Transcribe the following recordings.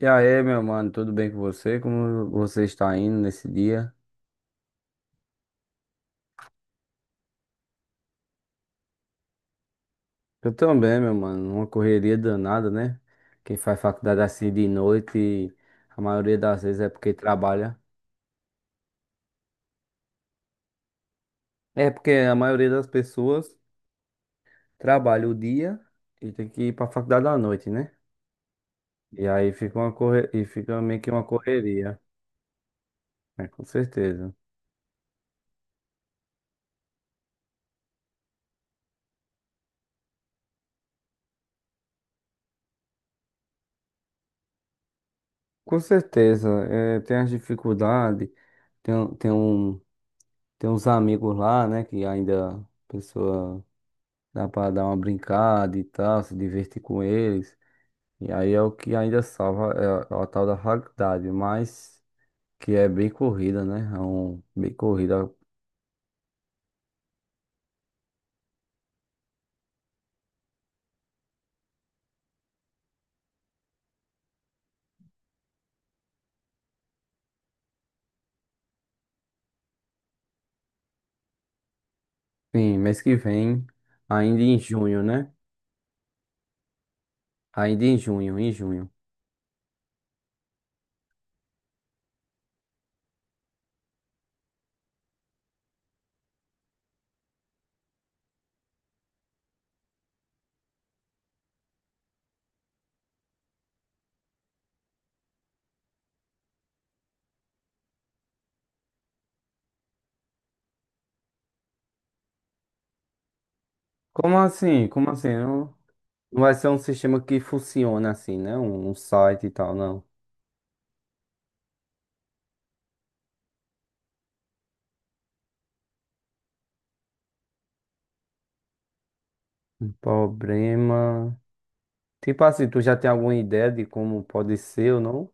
E aí, meu mano, tudo bem com você? Como você está indo nesse dia? Eu também, meu mano, uma correria danada, né? Quem faz faculdade assim de noite, a maioria das vezes é porque trabalha. É porque a maioria das pessoas trabalha o dia e tem que ir pra faculdade à noite, né? E aí fica meio que uma correria, né? Com certeza. Com certeza, é, tem as dificuldades, tem, tem um, tem uns amigos lá, né, que ainda a pessoa dá pra dar uma brincada e tal, se divertir com eles. E aí é o que ainda salva, a tal da faculdade, mas que é bem corrida, né? Bem corrida. Sim, mês que vem, ainda em junho, né? Ainda em junho, em junho. Como assim? Como assim? Não, não vai ser um sistema que funciona assim, né? Um site e tal, não. Um problema. Tipo assim, tu já tem alguma ideia de como pode ser ou não?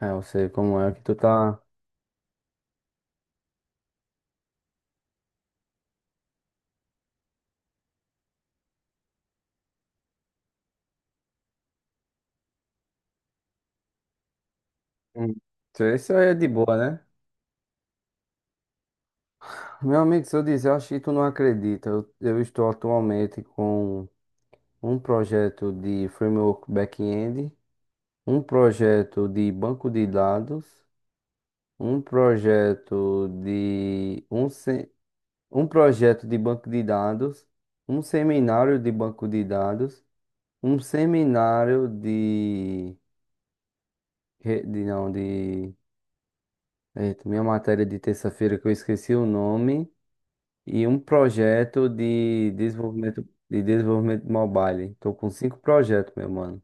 É, eu sei como é que tu tá. Hum. Isso aí é de boa, né? Meu amigo, se eu disser, eu acho que tu não acredita. Eu estou atualmente com um projeto de framework back-end, um projeto de banco de dados, um projeto de um, se- um projeto de banco de dados, um seminário de banco de dados, um seminário de, de não, de, eita, minha matéria de terça-feira que eu esqueci o nome. E um projeto de desenvolvimento mobile. Tô com cinco projetos, meu mano.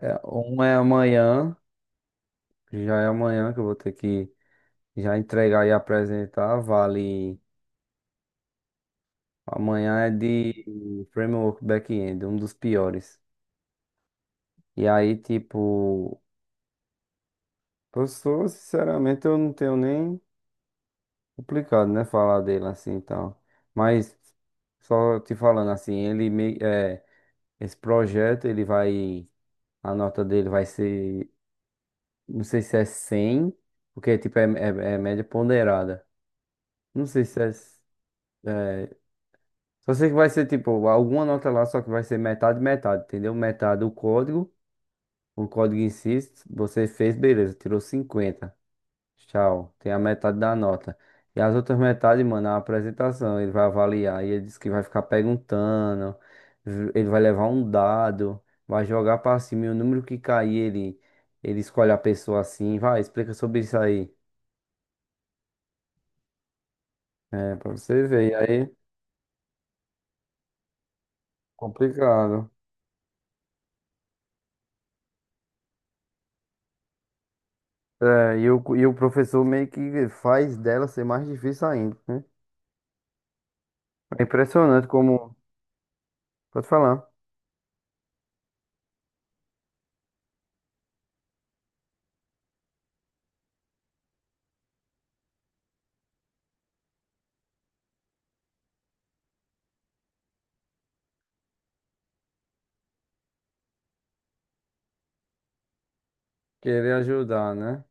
É, um é amanhã, já é amanhã que eu vou ter que já entregar e apresentar. Vale. Amanhã é de framework back-end, um dos piores. E aí, tipo, professor, sinceramente, eu não tenho nem complicado, né? Falar dele assim e tal. Mas só te falando assim, ele me, é, esse projeto ele vai A nota dele vai ser, não sei se é 100, porque tipo é média ponderada. Não sei se é, só sei que vai ser tipo alguma nota lá, só que vai ser metade metade, entendeu? Metade o código em si, você fez, beleza, tirou 50. Tchau. Tem a metade da nota. E as outras metades, mano, é a apresentação. Ele vai avaliar e ele disse que vai ficar perguntando. Ele vai levar um dado, vai jogar pra cima e o número que cair, ele escolhe a pessoa assim. Vai, explica sobre isso aí. É, pra você ver. E aí, complicado. É, e o professor meio que faz dela ser mais difícil ainda, né? É impressionante como. Pode falar. Querer ajudar, né?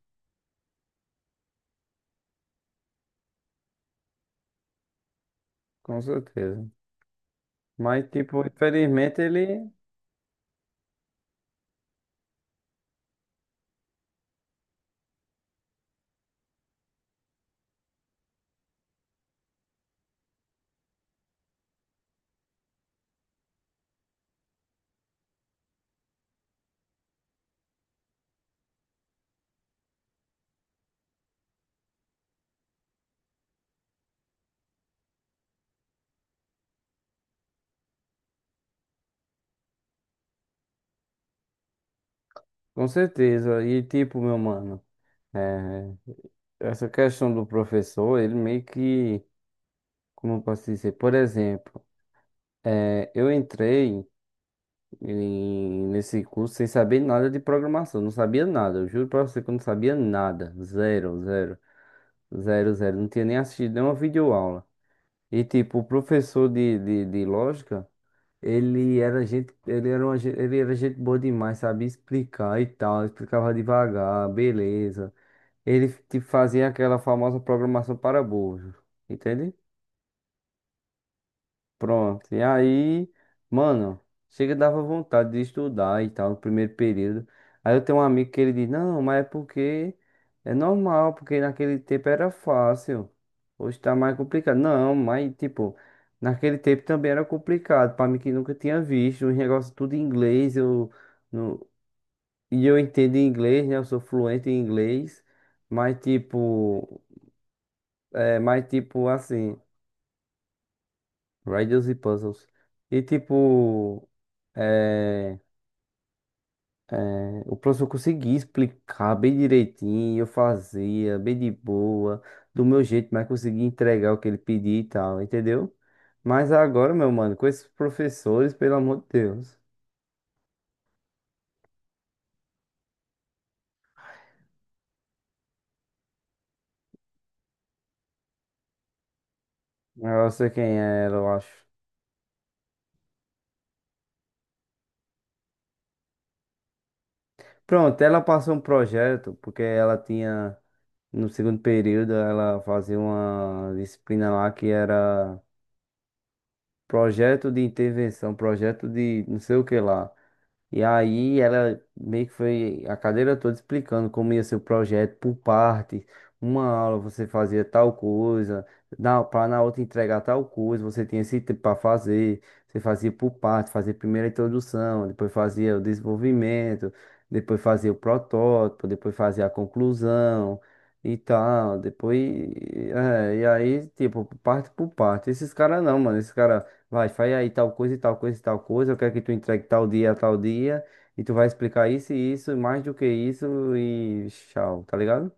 Com certeza. Mas, tipo, infelizmente ele. Com certeza. E tipo, meu mano, é, essa questão do professor, ele meio que, como eu posso dizer, por exemplo, é, eu entrei nesse curso sem saber nada de programação, não sabia nada, eu juro pra você que eu não sabia nada, zero, zero, zero, zero, não tinha nem assistido nenhuma videoaula. E tipo, o professor de lógica, ele era gente boa demais, sabia explicar e tal, explicava devagar, beleza. Ele te fazia aquela famosa programação para burros, entende? Pronto. E aí, mano, chega dava vontade de estudar e tal, no primeiro período. Aí eu tenho um amigo que ele diz, não, mas é porque é normal, porque naquele tempo era fácil. Hoje tá mais complicado. Não, mas tipo, naquele tempo também era complicado. Pra mim que nunca tinha visto, os negócios tudo em inglês, eu não... E eu entendo inglês, né? Eu sou fluente em inglês, mas tipo. É mais tipo assim, riddles e puzzles. E tipo, é, o professor conseguia explicar bem direitinho, eu fazia bem de boa, do meu jeito, mas conseguia entregar o que ele pedia e tal, entendeu? Mas agora, meu mano, com esses professores, pelo amor de Deus, eu sei quem era, eu acho. Pronto, ela passou um projeto, porque ela tinha, no segundo período, ela fazia uma disciplina lá que era projeto de intervenção, projeto de não sei o que lá. E aí ela meio que foi a cadeira toda explicando como ia ser o projeto por parte. Uma aula você fazia tal coisa, para na outra entregar tal coisa, você tinha esse tempo para fazer, você fazia por parte, fazia primeiro a introdução, depois fazia o desenvolvimento, depois fazia o protótipo, depois fazia a conclusão e tal, depois, e aí, tipo, parte por parte. Esses caras não, mano, esses caras vai, faz aí tal coisa e tal coisa e tal coisa. Eu quero que tu entregue tal dia, a tal dia. E tu vai explicar isso e isso, e mais do que isso e tchau, tá ligado?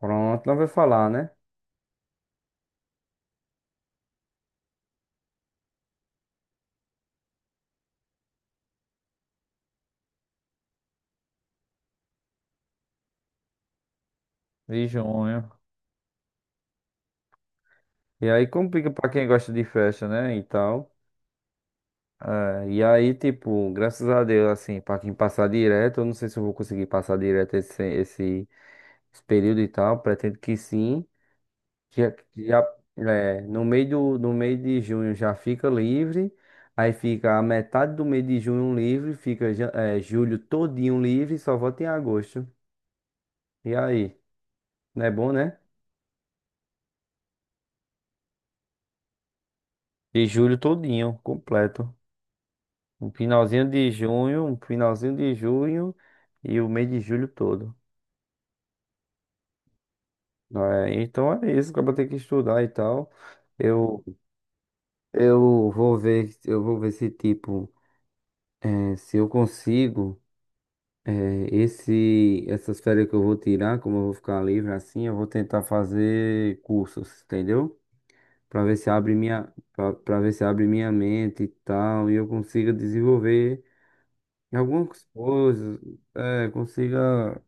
Pronto, não vai falar, né? De junho. E aí complica pra quem gosta de festa, né? E tal. É, e aí, tipo, graças a Deus, assim, pra quem passar direto, eu não sei se eu vou conseguir passar direto esse período e tal. Pretendo que sim. Já, já, no meio de junho já fica livre, aí fica a metade do mês de junho livre, fica julho todinho livre, só volta em agosto. E aí? Não é bom, né? E julho todinho, completo. Um finalzinho de junho, um finalzinho de junho e o mês de julho todo. É, então é isso, acaba ter que estudar e tal. Eu, eu vou ver, eu vou ver, se tipo, se eu consigo. É, essas férias que eu vou tirar, como eu vou ficar livre assim, eu vou tentar fazer cursos, entendeu? Para ver se abre minha, para ver se abre minha mente e tal, e eu consiga desenvolver algumas coisas, consiga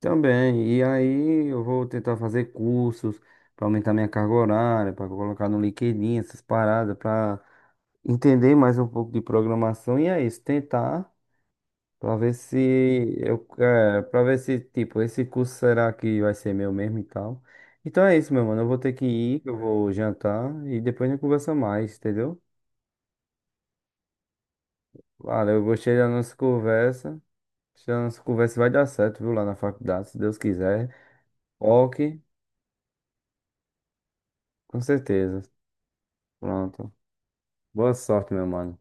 também. E aí eu vou tentar fazer cursos para aumentar minha carga horária, para colocar no LinkedIn essas paradas, para entender mais um pouco de programação e é isso, tentar. Pra ver se eu, pra ver se, tipo, esse curso será que vai ser meu mesmo e tal. Então é isso, meu mano. Eu vou ter que ir, eu vou jantar e depois a gente conversa mais, entendeu? Valeu, eu gostei da nossa conversa. Acho que a nossa conversa vai dar certo, viu, lá na faculdade, se Deus quiser. Ok, com certeza. Pronto. Boa sorte, meu mano.